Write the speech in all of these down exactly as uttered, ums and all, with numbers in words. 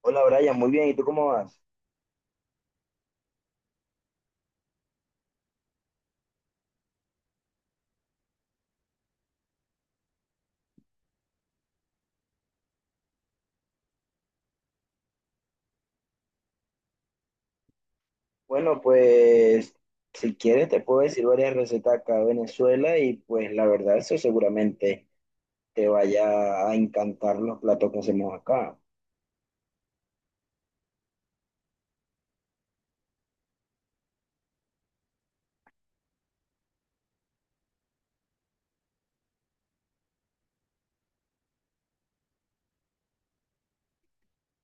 Hola Brian, muy bien, ¿y tú cómo vas? Bueno, pues si quieres te puedo decir varias recetas acá de Venezuela y pues la verdad eso seguramente te vaya a encantar los platos que hacemos acá.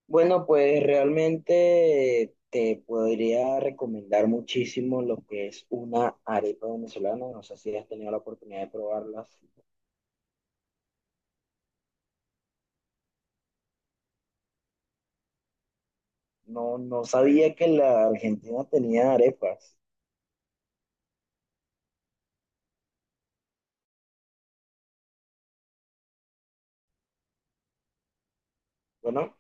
Bueno, pues realmente te podría recomendar muchísimo lo que es una arepa venezolana, no sé si has tenido la oportunidad de probarlas. No, no sabía que la Argentina tenía arepas. Bueno,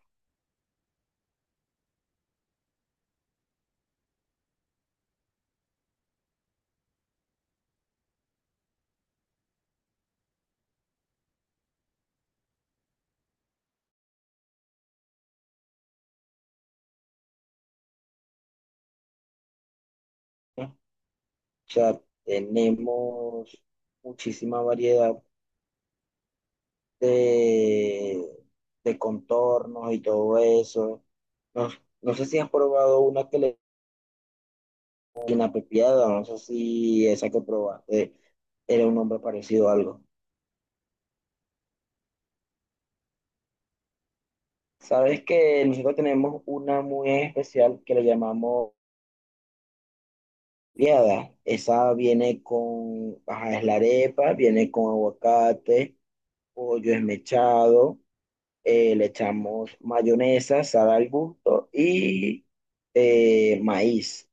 o sea, tenemos muchísima variedad de, de contornos y todo eso. No, no sé si has probado una que le inapropiada, no sé si esa que probaste era un nombre parecido a algo. Sabes que nosotros tenemos una muy especial que le llamamos piada. Esa viene con, ajá, es la arepa, viene con aguacate, pollo esmechado, eh, le echamos mayonesa, sal al gusto y eh, maíz,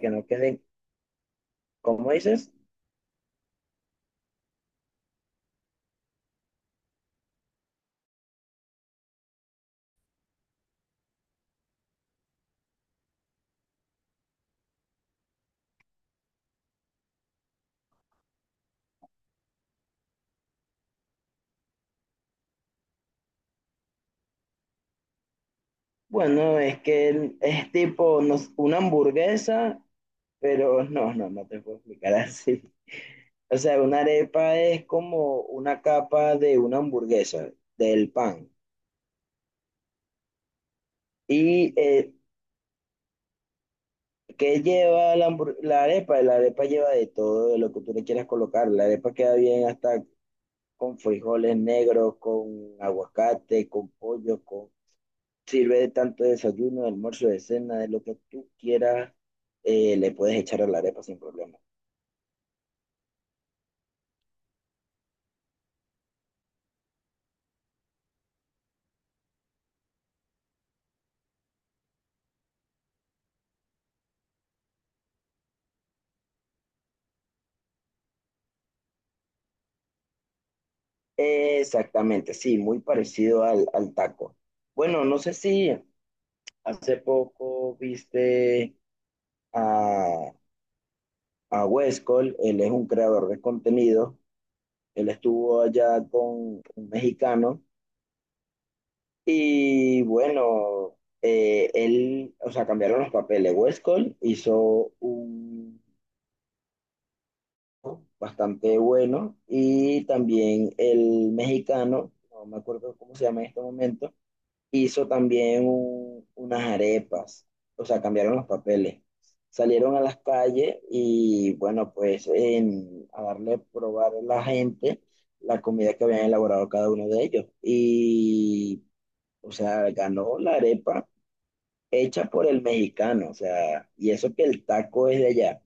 que no queden. ¿Cómo dices? Bueno, es que es tipo nos- una hamburguesa, pero no, no, no te puedo explicar así. O sea, una arepa es como una capa de una hamburguesa, del pan. ¿Y eh, qué lleva la, hambur- la arepa? La arepa lleva de todo, de lo que tú le quieras colocar. La arepa queda bien hasta con frijoles negros, con aguacate, con pollo, con. Sirve de tanto de desayuno, de almuerzo, de cena, de lo que tú quieras, eh, le puedes echar a la arepa sin problema. Exactamente, sí, muy parecido al, al taco. Bueno, no sé si hace poco viste a, a Wes Cole, él es un creador de contenido, él estuvo allá con un mexicano y bueno, eh, él, o sea, cambiaron los papeles. Wes Cole hizo un bastante bueno. Y también el mexicano, no me acuerdo cómo se llama en este momento, hizo también un- unas arepas, o sea, cambiaron los papeles. Salieron a las calles y bueno, pues en, a darle a probar a la gente la comida que habían elaborado cada uno de ellos. Y, o sea, ganó la arepa hecha por el mexicano, o sea, y eso que el taco es de allá.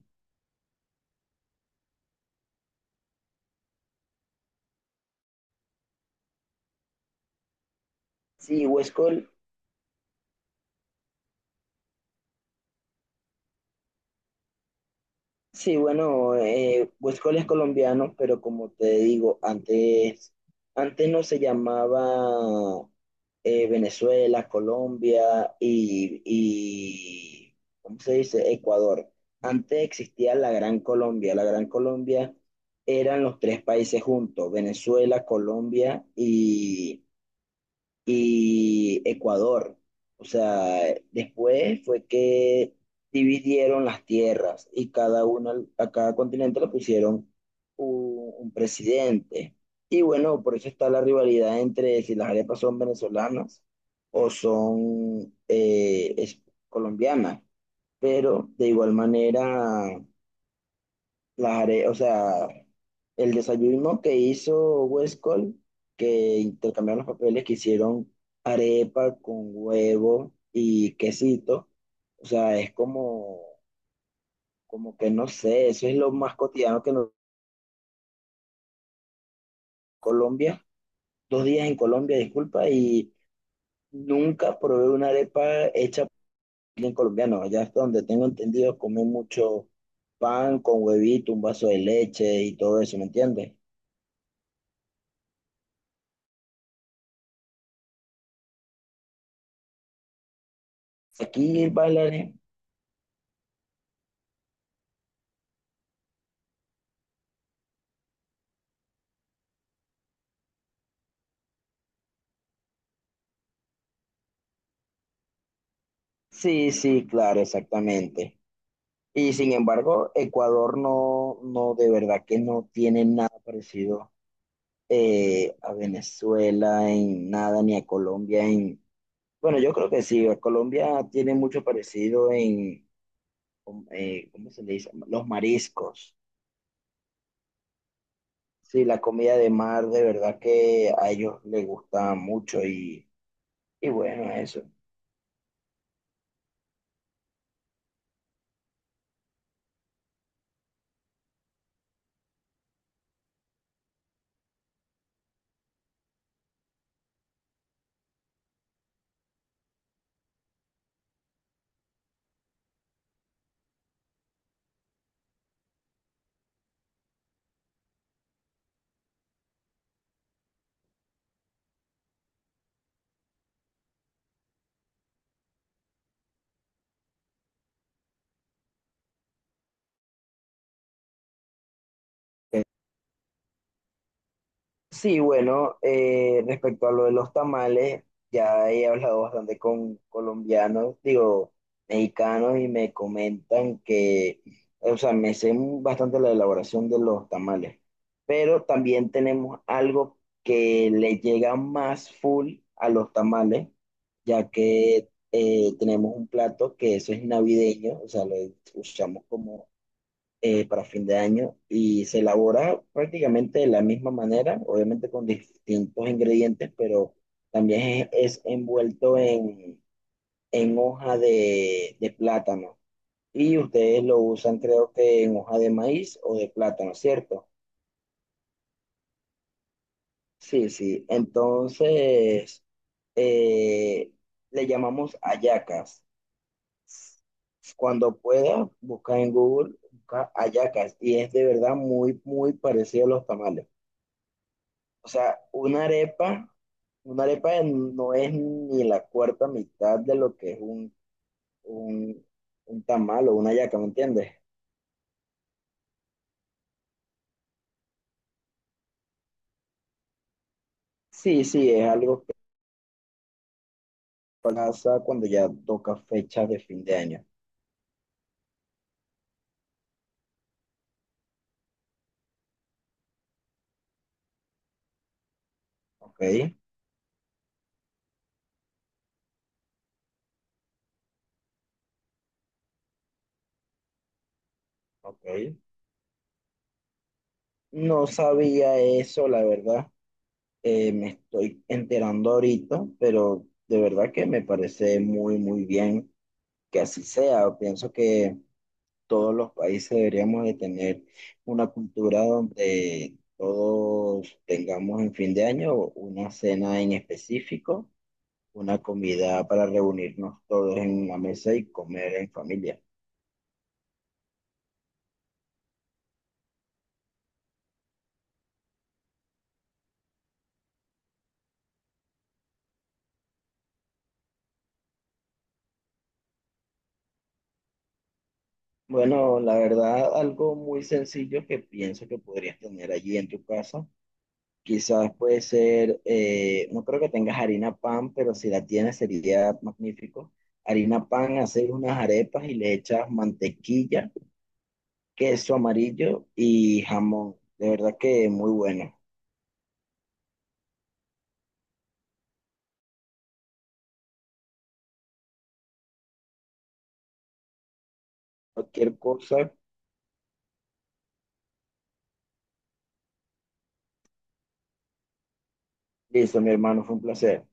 Sí, Huesco. Sí, bueno, eh, Huescol es colombiano, pero como te digo, antes, antes no se llamaba eh, Venezuela, Colombia y, y, ¿cómo se dice? Ecuador. Antes existía la Gran Colombia. La Gran Colombia eran los tres países juntos, Venezuela, Colombia y Ecuador. O sea, después fue que dividieron las tierras y cada uno, a cada continente le pusieron un, un presidente. Y bueno, por eso está la rivalidad entre si las arepas son venezolanas o son eh, es- colombianas. Pero de igual manera las are- o sea, el desayuno que hizo Westcol, que intercambiaron los papeles, que hicieron arepa con huevo y quesito, o sea, es como, como que no sé, eso es lo más cotidiano que en Colombia, dos días en Colombia, disculpa, y nunca probé una arepa hecha por alguien colombiano, allá hasta donde tengo entendido, comen mucho pan con huevito, un vaso de leche y todo eso, ¿me entiendes? Aquí, bailar. Sí, sí, claro, exactamente. Y sin embargo, Ecuador no, no, de verdad que no tiene nada parecido eh, a Venezuela en nada, ni a Colombia en... Bueno, yo creo que sí, a Colombia tiene mucho parecido en, com- eh, ¿cómo se le dice? Los mariscos. Sí, la comida de mar, de verdad que a ellos les gusta mucho y, y bueno, eso. Sí, bueno, eh, respecto a lo de los tamales, ya he hablado bastante con colombianos, digo, mexicanos, y me comentan que, o sea, me sé bastante la elaboración de los tamales, pero también tenemos algo que le llega más full a los tamales, ya que eh, tenemos un plato que eso es navideño, o sea, lo usamos como eh, para fin de año y se elabora prácticamente de la misma manera, obviamente con distintos ingredientes, pero también es, es envuelto en, en hoja de, de plátano. Y ustedes lo usan creo que en hoja de maíz o de plátano, ¿cierto? Sí, sí. Entonces, eh, le llamamos hallacas. Cuando pueda, busca en Google, busca hallacas y es de verdad muy, muy parecido a los tamales. O sea, una arepa, una arepa no es ni la cuarta mitad de lo que es un, un, un tamal o una hallaca, ¿me entiendes? Sí, sí, es algo que pasa cuando ya toca fecha de fin de año. Ok, ok. No sabía eso, la verdad. Eh, me estoy enterando ahorita, pero de verdad que me parece muy, muy bien que así sea. Pienso que todos los países deberíamos de tener una cultura donde todos tengamos en fin de año una cena en específico, una comida para reunirnos todos en una mesa y comer en familia. Bueno, la verdad, algo muy sencillo que pienso que podrías tener allí en tu casa. Quizás puede ser, eh, no creo que tengas harina pan, pero si la tienes sería magnífico. Harina pan, hacer unas arepas y le echas mantequilla, queso amarillo y jamón. De verdad que muy bueno. Cualquier cosa. Listo, mi hermano, fue un placer.